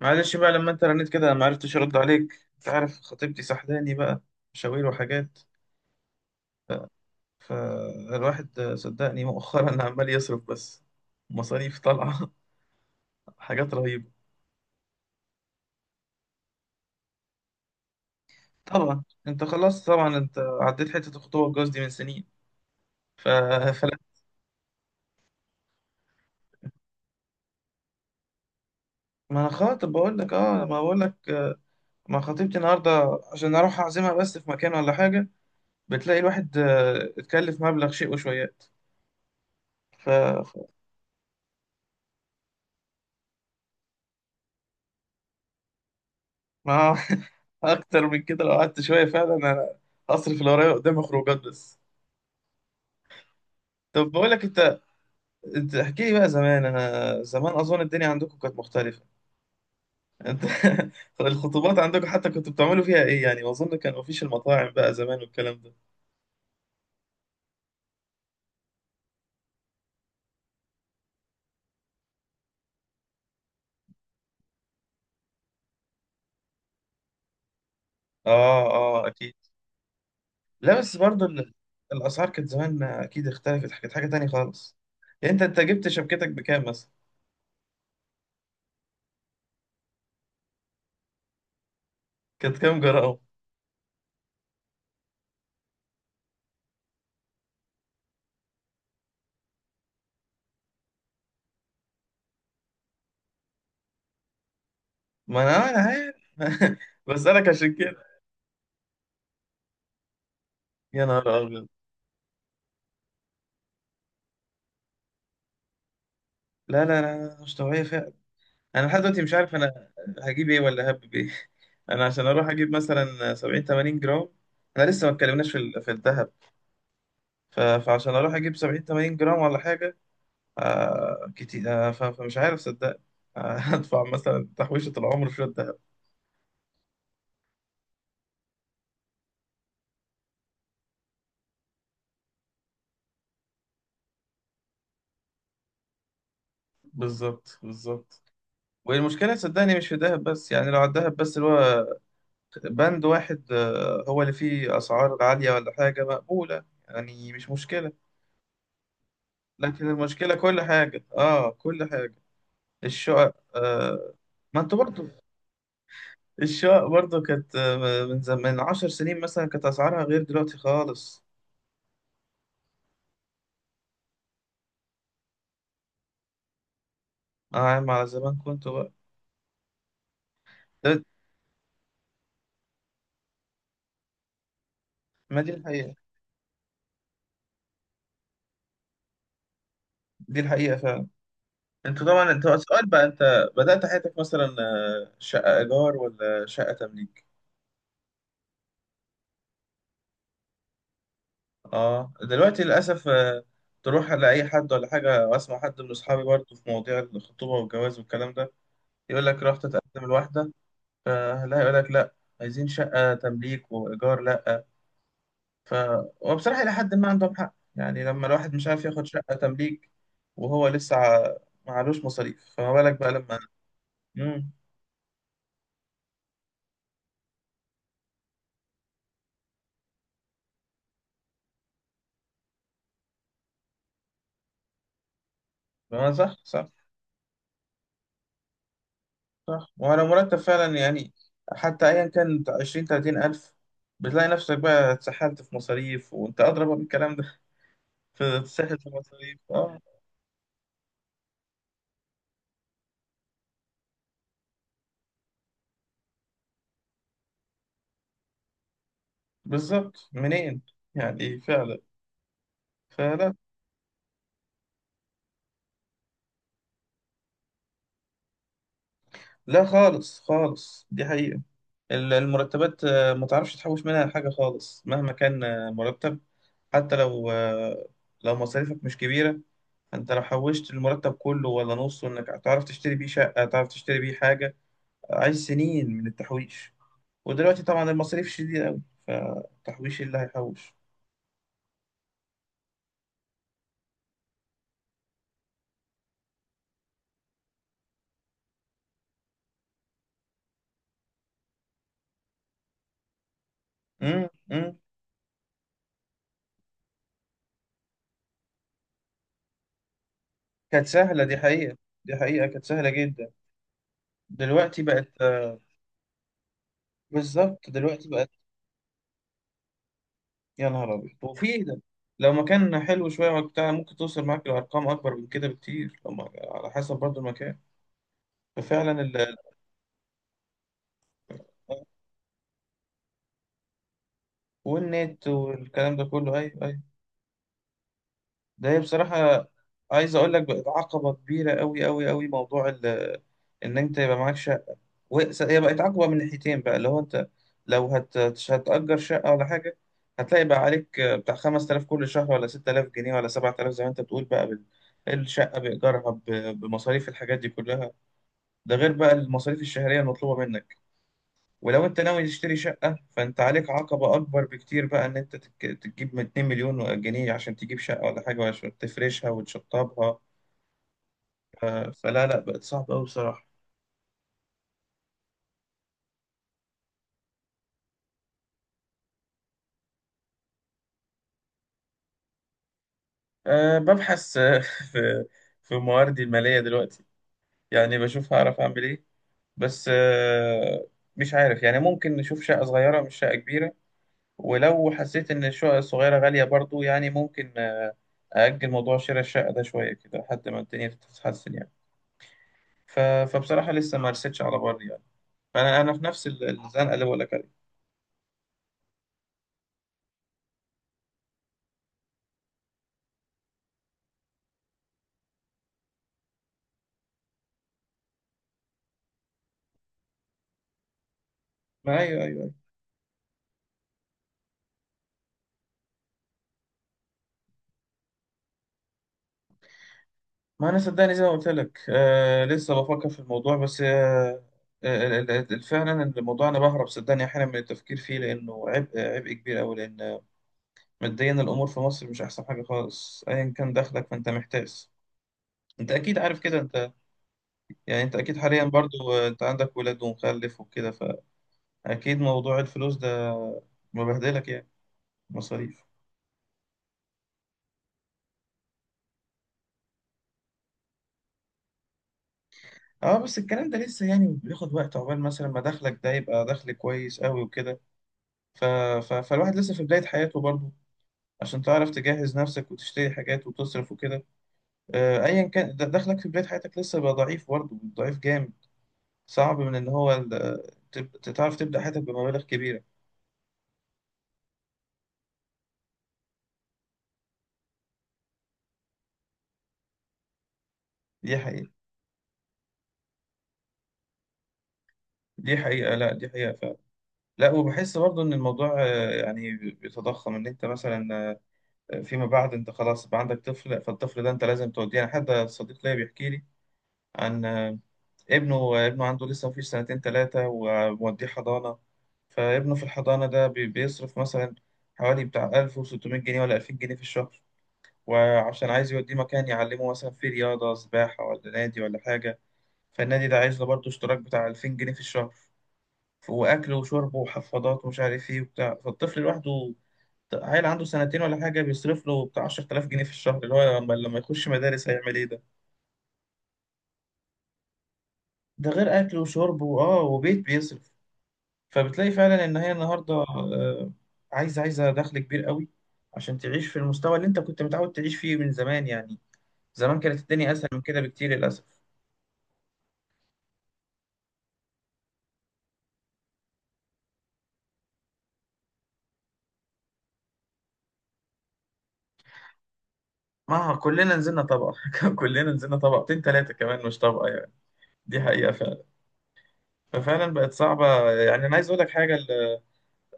معلش بقى، لما انت رنيت كده ما عرفتش ارد عليك. انت عارف خطيبتي سحلاني بقى مشاوير وحاجات. فالواحد صدقني مؤخرا عمال يصرف بس. مصاريف طالعة. حاجات رهيبة. طبعا انت خلاص، طبعا انت عديت حتة الخطوبة والجواز دي من سنين. ف... فلا ما انا خاطب، بقول لك اه. ما بقول لك ما خطيبتي النهارده عشان اروح اعزمها بس في مكان ولا حاجة. بتلاقي الواحد اتكلف مبلغ شيء وشويات. ف... ما اكتر من كده لو قعدت شويه فعلا انا هصرف اللي ورايا، قدامي خروجات بس. طب بقول لك انت احكي لي بقى زمان. انا زمان اظن الدنيا عندكم كانت مختلفه. انت الخطوبات عندكم حتى كنتوا بتعملوا فيها ايه؟ يعني اظن كان مفيش المطاعم بقى زمان والكلام ده. اه اه اكيد. لا بس برضو الاسعار كانت زمان، اكيد اختلفت، كانت حاجه تانية خالص. يعني انت جبت شبكتك بكام مثلا؟ كانت كام جرام؟ ما انا عارف بسألك عشان كده. يا نهار ابيض. لا لا لا، مش طبيعية فعلا. أنا لحد دلوقتي مش عارف، أنا هجيب إيه ولا هبب إيه؟ أنا عشان أروح أجيب مثلا 70 80 جرام، أنا لسه ما اتكلمناش في في الذهب. فعشان أروح أجيب 70 80 جرام ولا حاجة، آه كتير. آه فمش عارف صدق هدفع مثلا تحويشة العمر في الذهب. بالظبط بالظبط. والمشكلة صدقني مش في الذهب بس، يعني لو على الذهب بس اللي هو بند واحد هو اللي فيه أسعار عالية ولا حاجة مقبولة، يعني مش مشكلة. لكن المشكلة كل حاجة، اه كل حاجة. الشقق آه. ما انت برضو، الشقق برضو كانت من عشر سنين مثلا كانت أسعارها غير دلوقتي خالص. اه يا عم على زمان كنت بقى ده. ما دي الحقيقة، دي الحقيقة فعلا. انت طبعا، انت سؤال بقى، انت بدأت حياتك مثلا شقة إيجار ولا شقة تمليك؟ اه دلوقتي للأسف تروح على أي حد ولا حاجة، وأسمع حد من أصحابي برضو في مواضيع الخطوبة والجواز والكلام ده، يقول لك رحت تقدم الواحدة، فلا يقول لك لا، عايزين شقة تمليك، وإيجار لا. ف وبصراحة إلى حد ما عندهم حق، يعني لما الواحد مش عارف ياخد شقة تمليك وهو لسه معلوش مصاريف، فما بالك بقى لما... امم ما صح صح. صح وعلى مرتب فعلا يعني، حتى أيا كان 20 30 ألف، بتلاقي نفسك بقى اتسحلت في مصاريف، وأنت أضرب من الكلام ده. تتسحل في مصاريف، أه. بالظبط، منين؟ يعني فعلا. فلا، لا خالص خالص، دي حقيقة. المرتبات ما تعرفش تحوش منها حاجة خالص، مهما كان مرتب. حتى لو لو مصاريفك مش كبيرة، انت لو حوشت المرتب كله ولا نصه، انك هتعرف تشتري بيه شقة، تعرف تشتري بيه حاجة؟ عايز سنين من التحويش. ودلوقتي طبعا المصاريف شديدة أوي، فالتحويش اللي هيحوش. امم امم كانت سهلة، دي حقيقة، دي حقيقة كانت سهلة جدا. دلوقتي بقت آه. بالظبط، دلوقتي بقت، يا نهار أبيض. وفي ده لو مكان حلو شوية وبتاع، ممكن توصل معاك لأرقام أكبر من كده بكتير، لما على حسب برضو المكان. ففعلا والنت والكلام ده كله، أيوه أيوه. ده هي بصراحة، عايز أقول لك بقت عقبة كبيرة أوي أوي أوي، موضوع إن أنت يبقى معكش. هي بقت عقبة من ناحيتين بقى، اللي هو انت لو هتأجر شقة ولا حاجة، هتلاقي بقى عليك بتاع 5000 كل شهر، ولا 6000 جنيه، ولا 7000، زي ما انت بتقول بقى الشقة بإيجارها بمصاريف الحاجات دي كلها. ده غير بقى المصاريف الشهرية المطلوبة منك. ولو انت ناوي تشتري شقة، فانت عليك عقبة أكبر بكتير بقى، ان انت تجيب من 2 مليون جنيه عشان تجيب شقة ولا حاجة، وعشان تفرشها وتشطبها. ف... فلا، لا بقت صعبة أوي بصراحة. أه ببحث في في مواردي المالية دلوقتي، يعني بشوف هعرف اعمل ايه، بس مش عارف يعني، ممكن نشوف شقة صغيرة مش شقة كبيرة. ولو حسيت ان الشقة الصغيرة غالية برضو، يعني ممكن أأجل موضوع شراء الشقة ده شوية كده لحد ما الدنيا تتحسن يعني. فبصراحة لسه ما رستش على بر يعني. فأنا في نفس الزنقة اللي بقول لك عليها. ما أيوه أيوه أيوه. ما أنا صدقني زي ما قلت لك آه، لسه بفكر في الموضوع بس آه. فعلا الموضوع أنا بهرب صدقني أحيانا من التفكير فيه، لأنه عبء كبير أوي. لأن ماديا الامور في مصر مش احسن حاجه خالص، ايا كان دخلك فانت محتاس. انت اكيد عارف كده، انت يعني انت اكيد حاليا برضو انت عندك ولاد ومخلف وكده. فاكيد موضوع الفلوس ده مبهدلك يعني. مصاريف. اه بس الكلام ده لسه يعني بياخد وقت عقبال مثلا ما دخلك ده يبقى دخل كويس قوي وكده. ف... فالواحد لسه في بداية حياته برضه، عشان تعرف تجهز نفسك وتشتري حاجات وتصرف وكده. ايا كان دخلك في بداية حياتك لسه بقى ضعيف، برضه ضعيف جامد. صعب من ان هو تعرف تبدأ حياتك بمبالغ كبيرة. دي حقيقة، دي حقيقة، لا دي حقيقة فعلا. لا وبحس برضه ان الموضوع يعني بيتضخم، ان انت مثلا فيما بعد انت خلاص بقى عندك طفل، فالطفل ده انت لازم توديه. يعني حد صديق ليا بيحكي لي عن ابنه عنده لسه مفيش سنتين ثلاثة، وموديه حضانة. فابنه في الحضانة ده بيصرف مثلا حوالي بتاع 1600 جنيه ولا 2000 جنيه في الشهر. وعشان عايز يوديه مكان يعلمه مثلا في رياضة سباحة ولا نادي ولا حاجة، فالنادي ده عايز له برضه اشتراك بتاع 2000 جنيه في الشهر. وأكل وشرب وحفاضات ومش عارف إيه وبتاع، فالطفل لوحده عيل عنده سنتين ولا حاجة، بيصرف له بتاع 10000 جنيه في الشهر، اللي هو لما يخش مدارس هيعمل إيه ده؟ ده غير أكل وشرب وآه وبيت بيصرف. فبتلاقي فعلا إن هي النهاردة عايزة دخل كبير قوي عشان تعيش في المستوى اللي أنت كنت متعود تعيش فيه من زمان يعني. زمان كانت الدنيا أسهل من كده بكتير للأسف. ما كلنا نزلنا طبقة، كلنا نزلنا طبقتين تلاتة كمان، مش طبقة يعني. دي حقيقة. ففعلا بقت صعبة، يعني أنا عايز أقول لك حاجة. ال-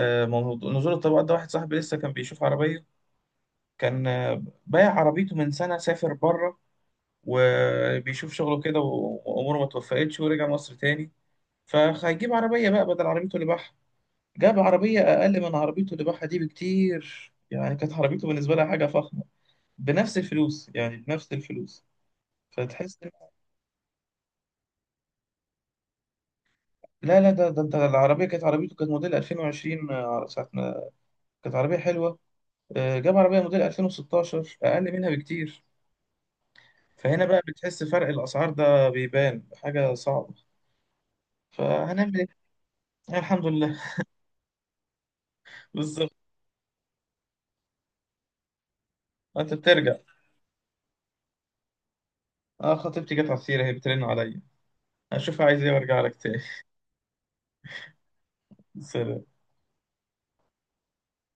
آه، موضوع- نزول الطبقات ده، واحد صاحبي لسه كان بيشوف عربية، كان بايع عربيته من سنة، سافر بره وبيشوف شغله كده وأموره ما توفقتش ورجع مصر تاني. فهيجيب عربية بقى بدل عربيته اللي باعها. جاب عربية أقل من عربيته اللي باعها دي بكتير، يعني كانت عربيته بالنسبة لها حاجة فخمة، بنفس الفلوس يعني بنفس الفلوس. فتحس إن- لا لا ده انت، العربية كانت، عربيته كانت موديل 2020 ساعة ما كانت عربية حلوة. جاب عربية موديل 2016 أقل منها بكتير. فهنا بقى بتحس فرق الأسعار ده بيبان حاجة صعبة. فهنعمل إيه؟ الحمد لله. بالظبط. أنت بترجع. أه خطيبتي جت على السيرة، هي بترن عليا، أشوفها عايز إيه وأرجع لك تاني. سلام.